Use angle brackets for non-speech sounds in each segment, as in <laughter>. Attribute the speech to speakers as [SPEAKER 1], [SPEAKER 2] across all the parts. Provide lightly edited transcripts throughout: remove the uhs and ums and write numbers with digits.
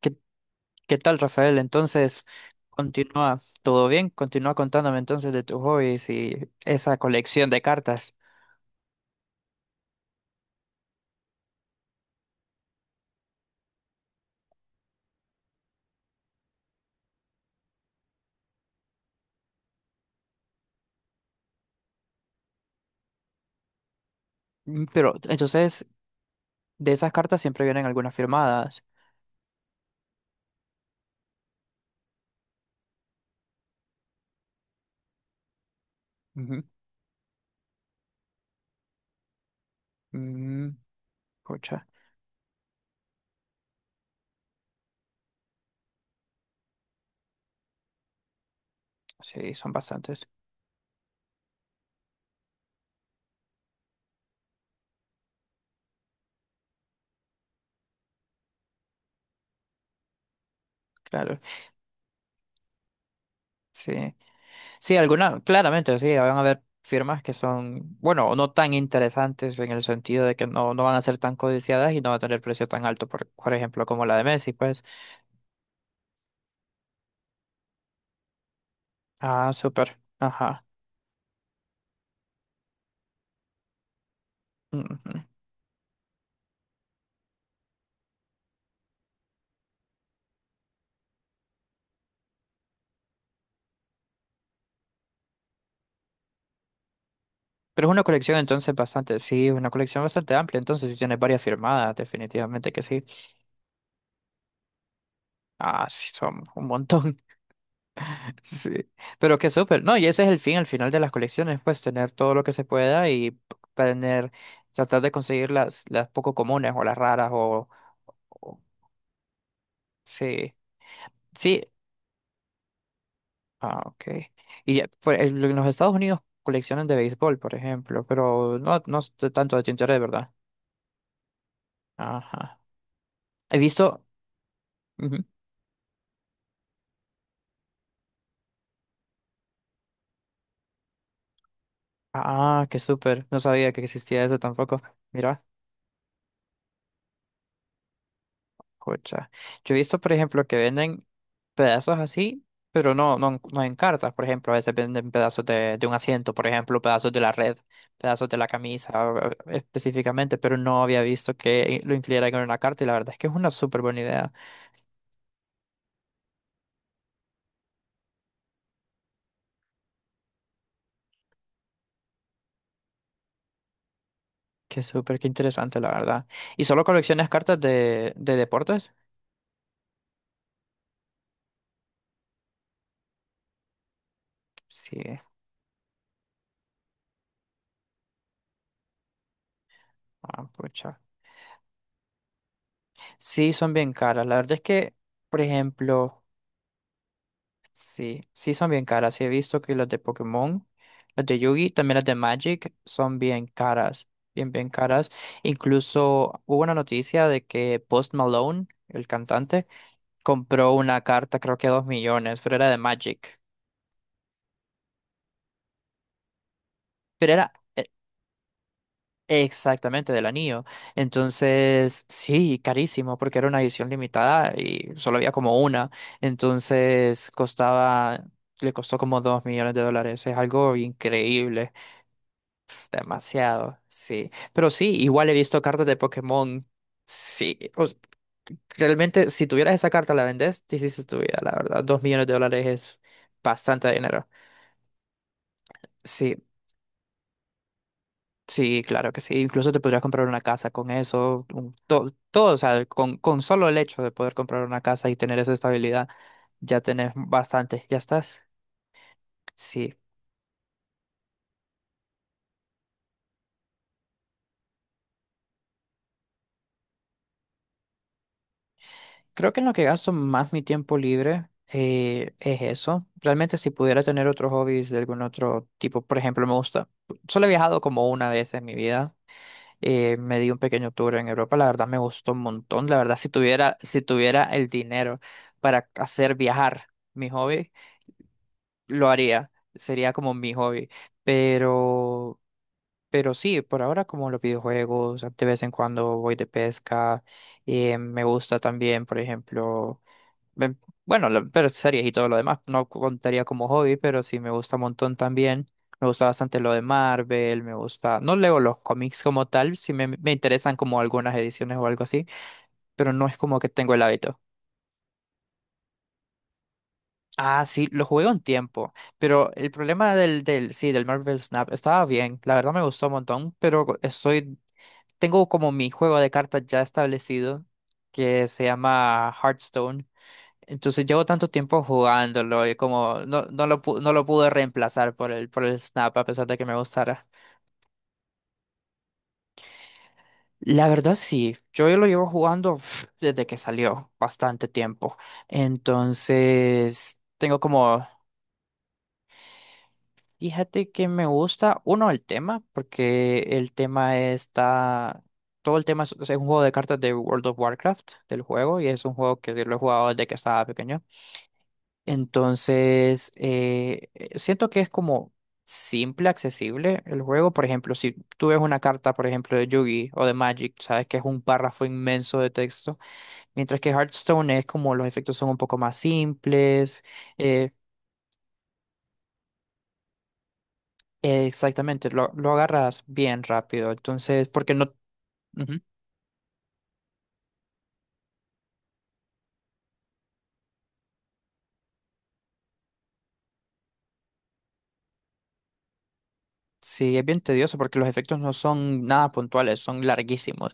[SPEAKER 1] ¿Qué, qué, tal, Rafael? Entonces, continúa, ¿todo bien? Continúa contándome entonces de tus hobbies y esa colección de cartas. Pero entonces, de esas cartas siempre vienen algunas firmadas. Ujú. Mm, pucha, sí, son bastantes, claro. Sí, sí, algunas, claramente, sí, van a haber firmas que son, bueno, no tan interesantes en el sentido de que no, no van a ser tan codiciadas y no va a tener precio tan alto, por ejemplo, como la de Messi, pues. Ah, súper, ajá. Ujú. Pero es una colección entonces bastante, sí, una colección bastante amplia, entonces sí tienes varias firmadas, definitivamente que sí. Ah, sí, son un montón. <laughs> Sí. Pero qué súper. No, y ese es el fin, al final de las colecciones, pues tener todo lo que se pueda y tener, tratar de conseguir las poco comunes o las raras o- sí. Sí. Ah, ok. Y pues, en los Estados Unidos coleccionan de béisbol, por ejemplo, pero no, no es de tanto de tintoré, ¿verdad? Ajá. He visto. Ah, qué súper. No sabía que existía eso tampoco. Mira, jocha. Yo he visto, por ejemplo, que venden pedazos así, pero no en cartas. Por ejemplo, a veces venden pedazos de un asiento, por ejemplo, pedazos de la red, pedazos de la camisa específicamente, pero no había visto que lo incluyeran en una carta y la verdad es que es una súper buena idea. Qué súper, qué interesante, la verdad. ¿Y solo coleccionas cartas de deportes? Sí, ah, pucha. Sí, son bien caras. La verdad es que, por ejemplo. Sí, sí son bien caras. Sí he visto que las de Pokémon, las de Yugi, también las de Magic son bien caras, bien, bien caras. Incluso hubo una noticia de que Post Malone, el cantante, compró una carta, creo que a 2,000,000, pero era de Magic. Pero era exactamente del anillo. Entonces, sí, carísimo, porque era una edición limitada y solo había como una. Entonces, costaba, le costó como $2,000,000. Es algo increíble. Es demasiado, sí. Pero sí, igual he visto cartas de Pokémon. Sí. Realmente, si tuvieras esa carta, la vendes, te hiciste tu vida, la verdad. $2,000,000 es bastante dinero. Sí, sí, claro que sí. Incluso te podrías comprar una casa con eso. Todo, o sea, con solo el hecho de poder comprar una casa y tener esa estabilidad, ya tenés bastante. Ya estás. Sí. Creo que en lo que gasto más mi tiempo libre es eso. Realmente si pudiera tener otros hobbies de algún otro tipo, por ejemplo, me gusta, solo he viajado como una vez en mi vida. Me di un pequeño tour en Europa, la verdad me gustó un montón. La verdad, si tuviera el dinero para hacer viajar mi hobby, lo haría. Sería como mi hobby. Pero, pero sí, por ahora como los videojuegos, de vez en cuando voy de pesca. Me gusta también, por ejemplo. Ven, Bueno, pero series y todo lo demás, no contaría como hobby, pero sí me gusta un montón también. Me gusta bastante lo de Marvel, me gusta. No leo los cómics como tal, sí me interesan como algunas ediciones o algo así, pero no es como que tengo el hábito. Ah, sí, lo jugué un tiempo, pero el problema del, sí, del Marvel Snap estaba bien, la verdad me gustó un montón, pero estoy, tengo como mi juego de cartas ya establecido, que se llama Hearthstone. Entonces llevo tanto tiempo jugándolo y como no lo pude reemplazar por el Snap a pesar de que me gustara. La verdad sí, yo lo llevo jugando <sniffs> desde que salió, bastante tiempo. Entonces tengo como, fíjate que me gusta, uno, el tema, porque el tema está, todo el tema es un juego de cartas de World of Warcraft, del juego, y es un juego que lo he jugado desde que estaba pequeño. Entonces, siento que es como simple, accesible el juego. Por ejemplo, si tú ves una carta, por ejemplo, de Yugi o de Magic, sabes que es un párrafo inmenso de texto, mientras que Hearthstone es como los efectos son un poco más simples. eh, exactamente, lo agarras bien rápido. Entonces, porque no. Ujú. Sí, es bien tedioso porque los efectos no son nada puntuales, son larguísimos.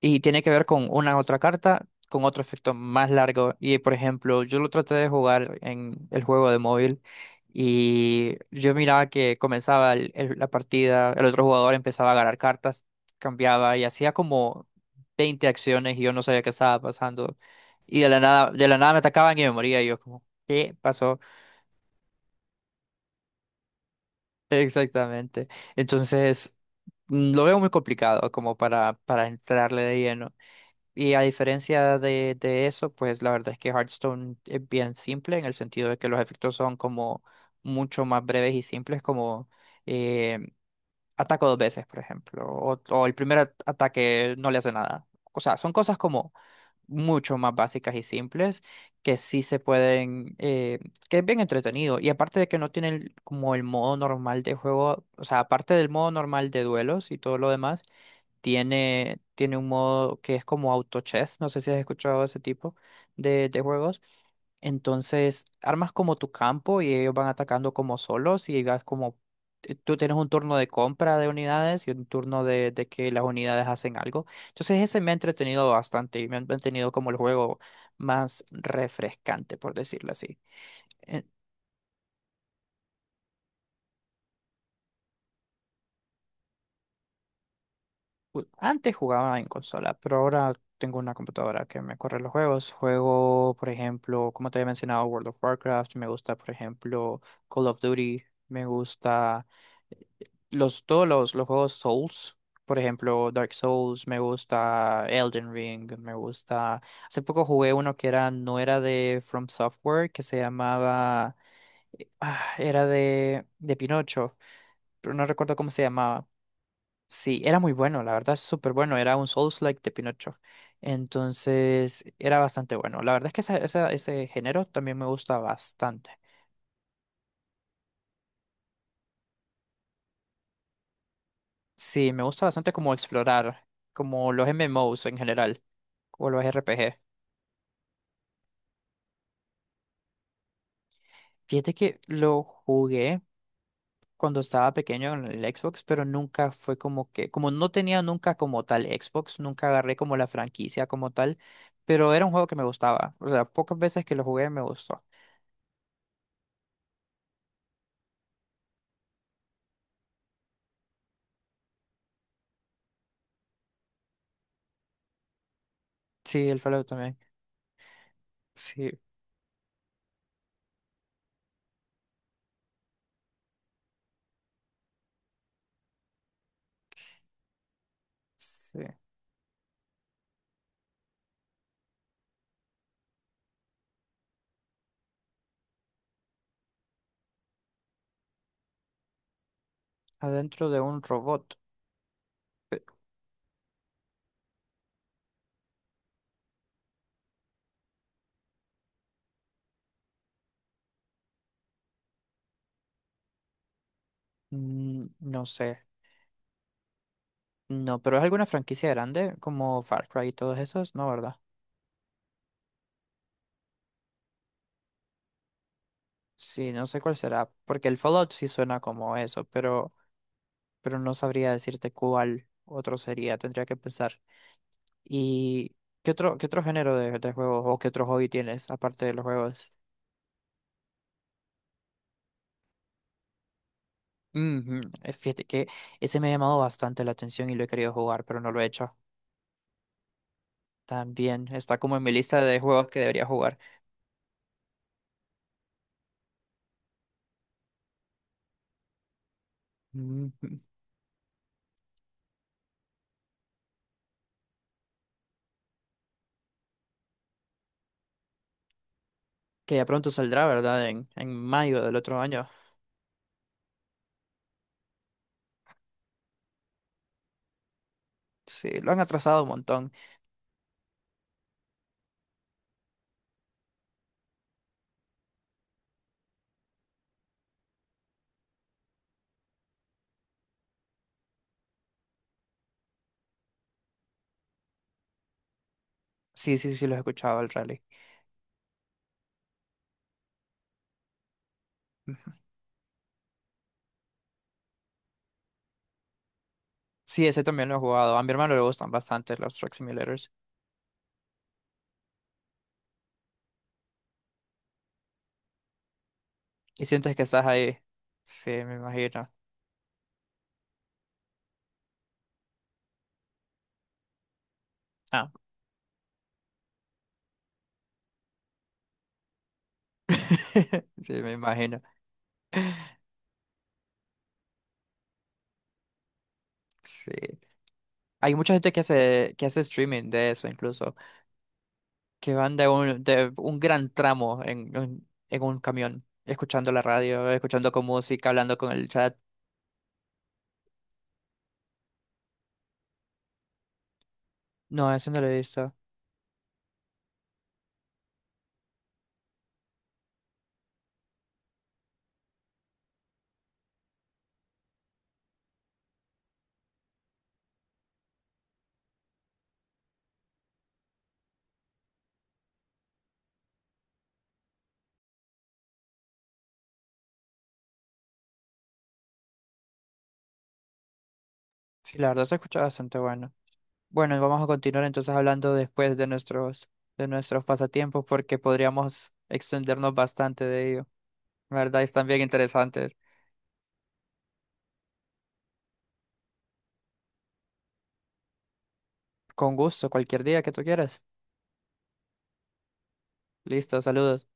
[SPEAKER 1] Y tiene que ver con una otra carta, con otro efecto más largo. Y por ejemplo, yo lo traté de jugar en el juego de móvil y yo miraba que comenzaba la partida, el otro jugador empezaba a agarrar cartas, cambiaba y hacía como 20 acciones y yo no sabía qué estaba pasando. Y de la nada me atacaban y me moría y yo como, ¿qué pasó? <laughs> Exactamente. Entonces, lo veo muy complicado como para entrarle de lleno. Y a diferencia de eso, pues la verdad es que Hearthstone es bien simple en el sentido de que los efectos son como mucho más breves y simples, como eh, ataco dos veces, por ejemplo, o el primer ataque no le hace nada. O sea, son cosas como mucho más básicas y simples que sí se pueden, que es bien entretenido. Y aparte de que no tienen como el modo normal de juego, o sea, aparte del modo normal de duelos y todo lo demás tiene, tiene un modo que es como auto chess, no sé si has escuchado ese tipo de juegos. Entonces, armas como tu campo y ellos van atacando como solos y vas como, tú tienes un turno de compra de unidades y un turno de que las unidades hacen algo. Entonces, ese me ha entretenido bastante y me ha mantenido como el juego más refrescante, por decirlo así. Antes jugaba en consola, pero ahora tengo una computadora que me corre los juegos. Juego, por ejemplo, como te había mencionado, World of Warcraft. Me gusta, por ejemplo, Call of Duty. Me gusta eh, todos los juegos Souls. Por ejemplo, Dark Souls, me gusta Elden Ring, me gusta. Hace poco jugué uno que era, no era de From Software, que se llamaba. Era de Pinocho, pero no recuerdo cómo se llamaba. Sí, era muy bueno, la verdad, súper bueno. Era un Souls-like de Pinocho. Entonces, era bastante bueno. La verdad es que ese género también me gusta bastante. Sí, me gusta bastante como explorar, como los MMOs en general, o los RPG. Fíjate que lo jugué cuando estaba pequeño en el Xbox, pero nunca fue como que, como no tenía nunca como tal Xbox, nunca agarré como la franquicia como tal, pero era un juego que me gustaba. O sea, pocas veces que lo jugué me gustó. Sí, el Fallout también. Sí, sí, adentro de un robot. Pe- No sé. No, pero es alguna franquicia grande como Far Cry y todos esos, ¿no, verdad? Sí, no sé cuál será, porque el Fallout sí suena como eso, pero no sabría decirte cuál otro sería, tendría que pensar. ¿Y qué otro género de juegos o qué otro hobby tienes aparte de los juegos? Ujú. Fíjate que ese me ha llamado bastante la atención y lo he querido jugar, pero no lo he hecho. También está como en mi lista de juegos que debería jugar. Ujú. <laughs> Que ya pronto saldrá, ¿verdad? En mayo del otro año. Sí, lo han atrasado un montón. Sí, sí, sí, lo he escuchado el rally. Ujú. Sí, ese también lo he jugado. A mi hermano le gustan bastante los Truck Simulators. Y sientes que estás ahí. Sí, me imagino. Ah. <laughs> Sí, me imagino. Sí. Hay mucha gente que hace streaming de eso incluso, que van de un gran tramo en, en un camión, escuchando la radio, escuchando con música, hablando con el chat. No, eso no lo he visto. Sí, la verdad se escucha bastante bueno. Bueno, y vamos a continuar entonces hablando después de nuestros pasatiempos porque podríamos extendernos bastante de ello. La verdad, están bien interesantes. Con gusto, cualquier día que tú quieras. Listo, saludos.